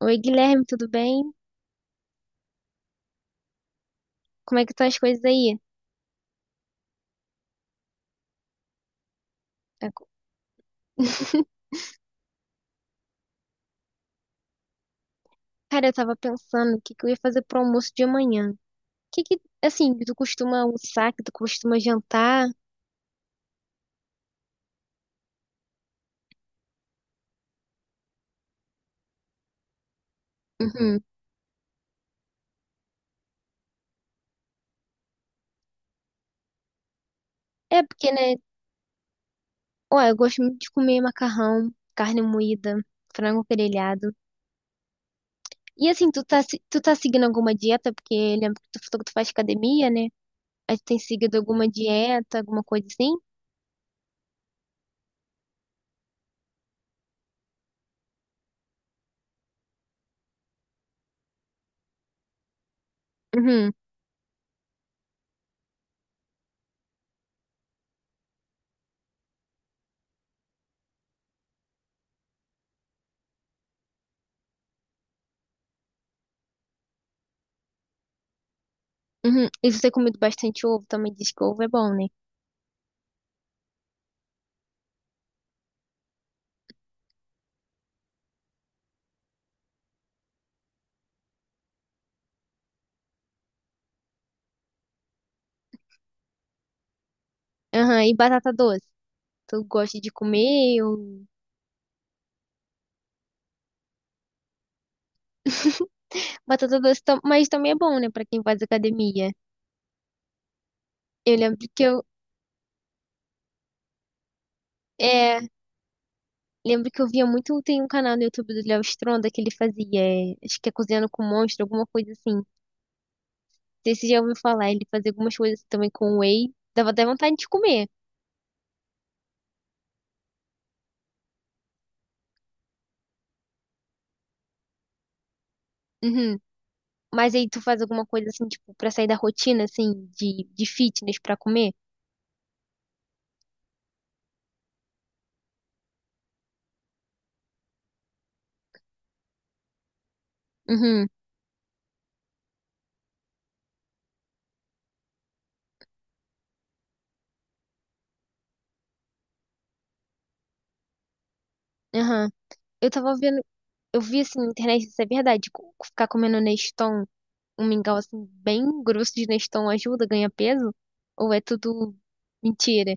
Oi, Guilherme, tudo bem? Como é que estão as coisas aí? Tá co- Cara, eu tava pensando o que que eu ia fazer pro almoço de amanhã. O que que, assim, tu costuma almoçar, que tu costuma jantar? Uhum. É porque, né? Ó, eu gosto muito de comer macarrão, carne moída, frango grelhado. E assim, tu tá, se- tu tá seguindo alguma dieta? Porque lembro que tu falou que tu faz academia, né? Aí tu tem seguido alguma dieta, alguma coisa assim? Uhum, uhum. E você tem comido bastante ovo, também diz que ovo é bom, né? Aham, e batata doce? Tu gosta de comer ou batata doce, mas também é bom, né, pra quem faz academia. Eu lembro que é, lembro que eu via muito, tem um canal no YouTube do Léo Stronda que ele fazia, acho que é cozinhando com monstro, alguma coisa assim. Não sei se você já ouviu falar, ele fazia algumas coisas assim também com whey, dava até vontade de comer. Uhum. Mas aí tu faz alguma coisa assim, tipo, pra sair da rotina assim de fitness pra comer? Uhum. Aham. Eu tava vendo, eu vi assim na internet, isso é verdade, ficar comendo Neston, um mingau assim bem grosso de Neston ajuda, ganha peso? Ou é tudo mentira?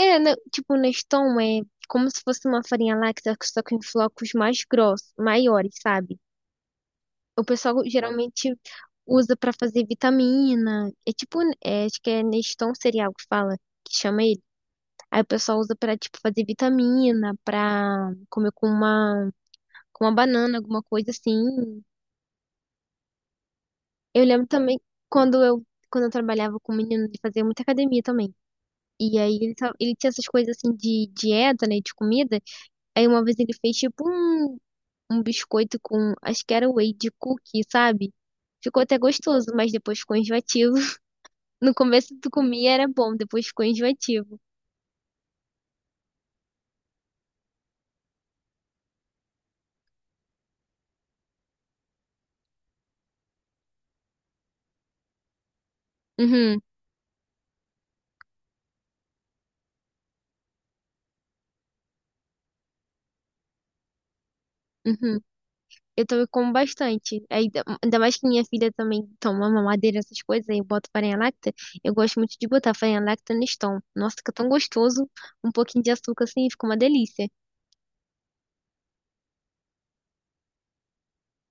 É, né, tipo, Neston é como se fosse uma farinha láctea, só que em flocos mais grossos, maiores, sabe? O pessoal geralmente usa pra fazer vitamina. É tipo, é, acho que é Neston cereal que fala, que chama ele. Aí o pessoal usa pra, tipo, fazer vitamina, pra comer com uma banana, alguma coisa assim. Eu lembro também quando eu trabalhava com um menino, ele fazia muita academia também. E aí ele tinha essas coisas assim de dieta, né, de comida. Aí uma vez ele fez tipo um, um biscoito com, acho que era whey de cookie, sabe? Ficou até gostoso, mas depois ficou enjoativo. No começo tu comia era bom, depois ficou enjoativo. Uhum, uhum. Eu também como bastante. Ainda mais que minha filha também toma mamadeira, essas coisas, aí eu boto farinha láctea. Eu gosto muito de botar farinha láctea no Neston. Nossa, fica tão gostoso. Um pouquinho de açúcar assim, fica uma delícia.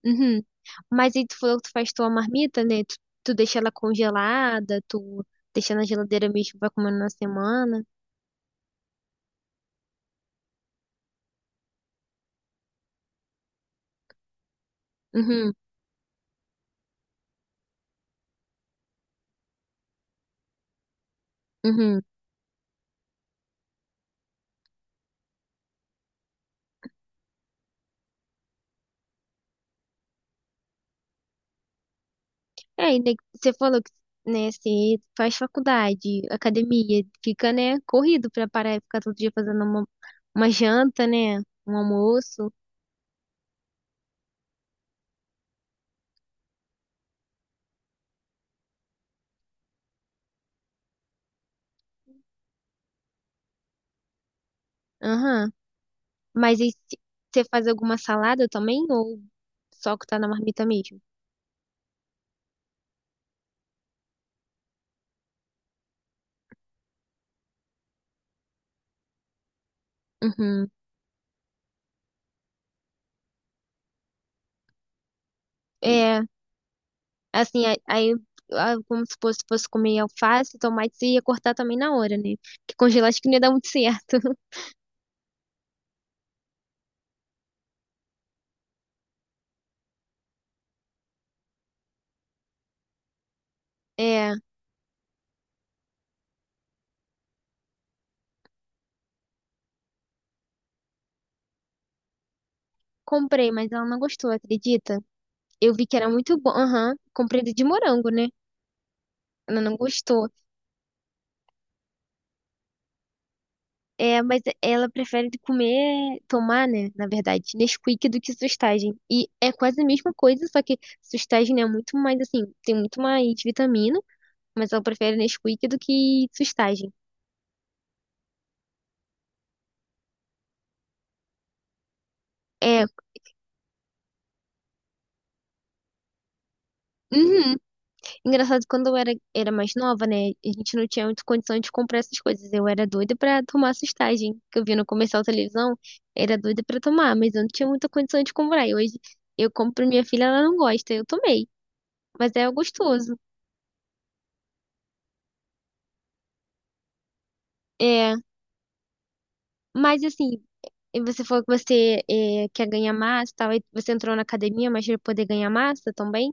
Uhum. Mas aí tu falou que tu faz tua marmita, né? Tu deixa ela congelada, tu deixa na geladeira mesmo, vai comendo na semana. Uhum, uhum. É, ainda né, você falou que, né, você faz faculdade, academia, fica, né, corrido pra parar e ficar todo dia fazendo uma janta, né, um almoço. Aham. Mas aí se- Você faz alguma salada também ou só que tá na marmita mesmo? Uhum. É, assim, a- aí, como se fosse, fosse comer alface, tomate, você ia cortar também na hora, né? Porque congelar acho que não ia dar muito certo. É, comprei, mas ela não gostou, acredita? Eu vi que era muito bom. Aham, comprei de morango, né? Ela não gostou. É, mas ela prefere comer, tomar, né? Na verdade, Nesquik do que sustagem. E é quase a mesma coisa, só que sustagem é muito mais assim, tem muito mais vitamina, mas ela prefere Nesquik do que sustagem. É, uhum. Engraçado, quando era mais nova, né? A gente não tinha muita condição de comprar essas coisas. Eu era doida pra tomar sustagem, que eu via no comercial televisão, era doida pra tomar, mas eu não tinha muita condição de comprar. E hoje eu compro pra minha filha, ela não gosta, eu tomei. Mas é gostoso. É, mas assim, e você falou que quer ganhar massa e tal, aí você entrou na academia, mas para poder ganhar massa também?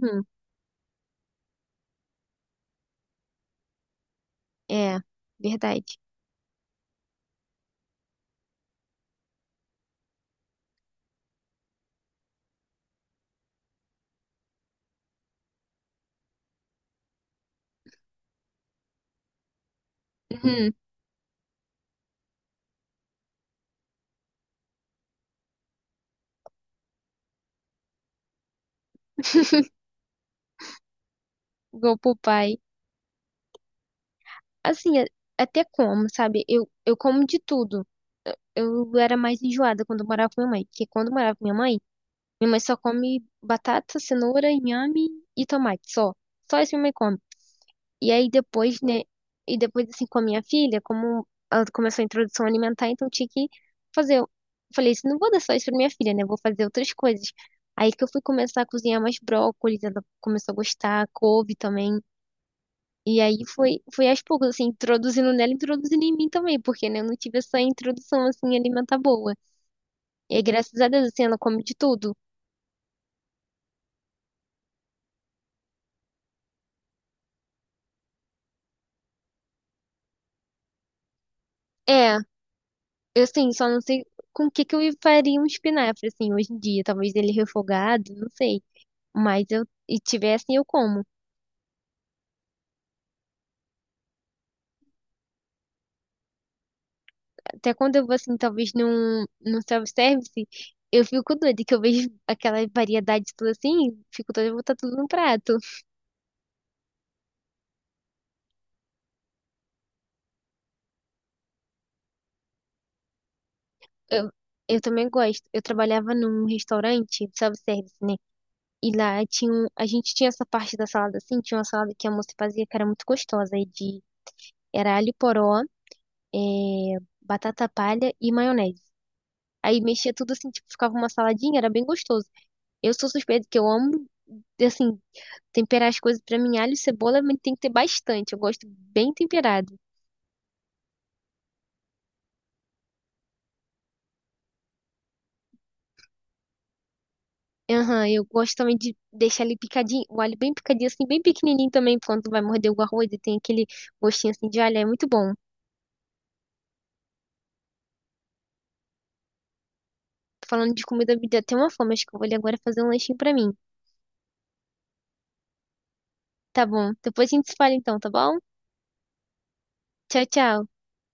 Uhum, é, verdade. Uhum. Igual pro pai. Assim, a- Até como, sabe? Eu como de tudo. Eu era mais enjoada quando eu morava com minha mãe, porque quando eu morava com minha mãe só come batata, cenoura, inhame e tomate, só. Só isso minha mãe come. E aí depois, né? E depois, assim, com a minha filha, como ela começou a introdução alimentar, então eu tinha que fazer. Eu falei assim, não vou dar só isso pra minha filha, né? Vou fazer outras coisas. Aí que eu fui começar a cozinhar mais brócolis, ela começou a gostar, couve também. E aí foi, foi aos poucos, assim, introduzindo nela, introduzindo em mim também, porque, né, eu não tive essa introdução, assim, alimentar boa. E aí, graças a Deus, assim, ela come de tudo. É, eu, assim, só não sei com o que que eu faria um espinafre, assim, hoje em dia. Talvez ele refogado, não sei. Mas eu, e tiver assim, eu como. Até quando eu vou, assim, talvez num self-service, eu fico doida, que eu vejo aquela variedade tudo assim, fico doida, eu vou botar tudo no prato. Eu, eu também gosto. Eu trabalhava num restaurante, self-service, né? E lá tinha, a gente tinha essa parte da salada, assim, tinha uma salada que a moça fazia que era muito gostosa, era alho poró, é, batata palha e maionese. Aí mexia tudo assim, tipo, ficava uma saladinha, era bem gostoso. Eu sou suspeita que eu amo, assim, temperar as coisas pra mim, alho e cebola, mas tem que ter bastante. Eu gosto bem temperado. Aham, eu gosto também de deixar ele picadinho, o alho bem picadinho, assim, bem pequenininho também, quando vai morder o arroz e tem aquele gostinho assim de alho, é muito bom. Falando de comida, me deu até uma fome, acho que eu vou ali agora fazer um lanchinho pra mim. Tá bom, depois a gente se fala então, tá bom? Tchau, tchau.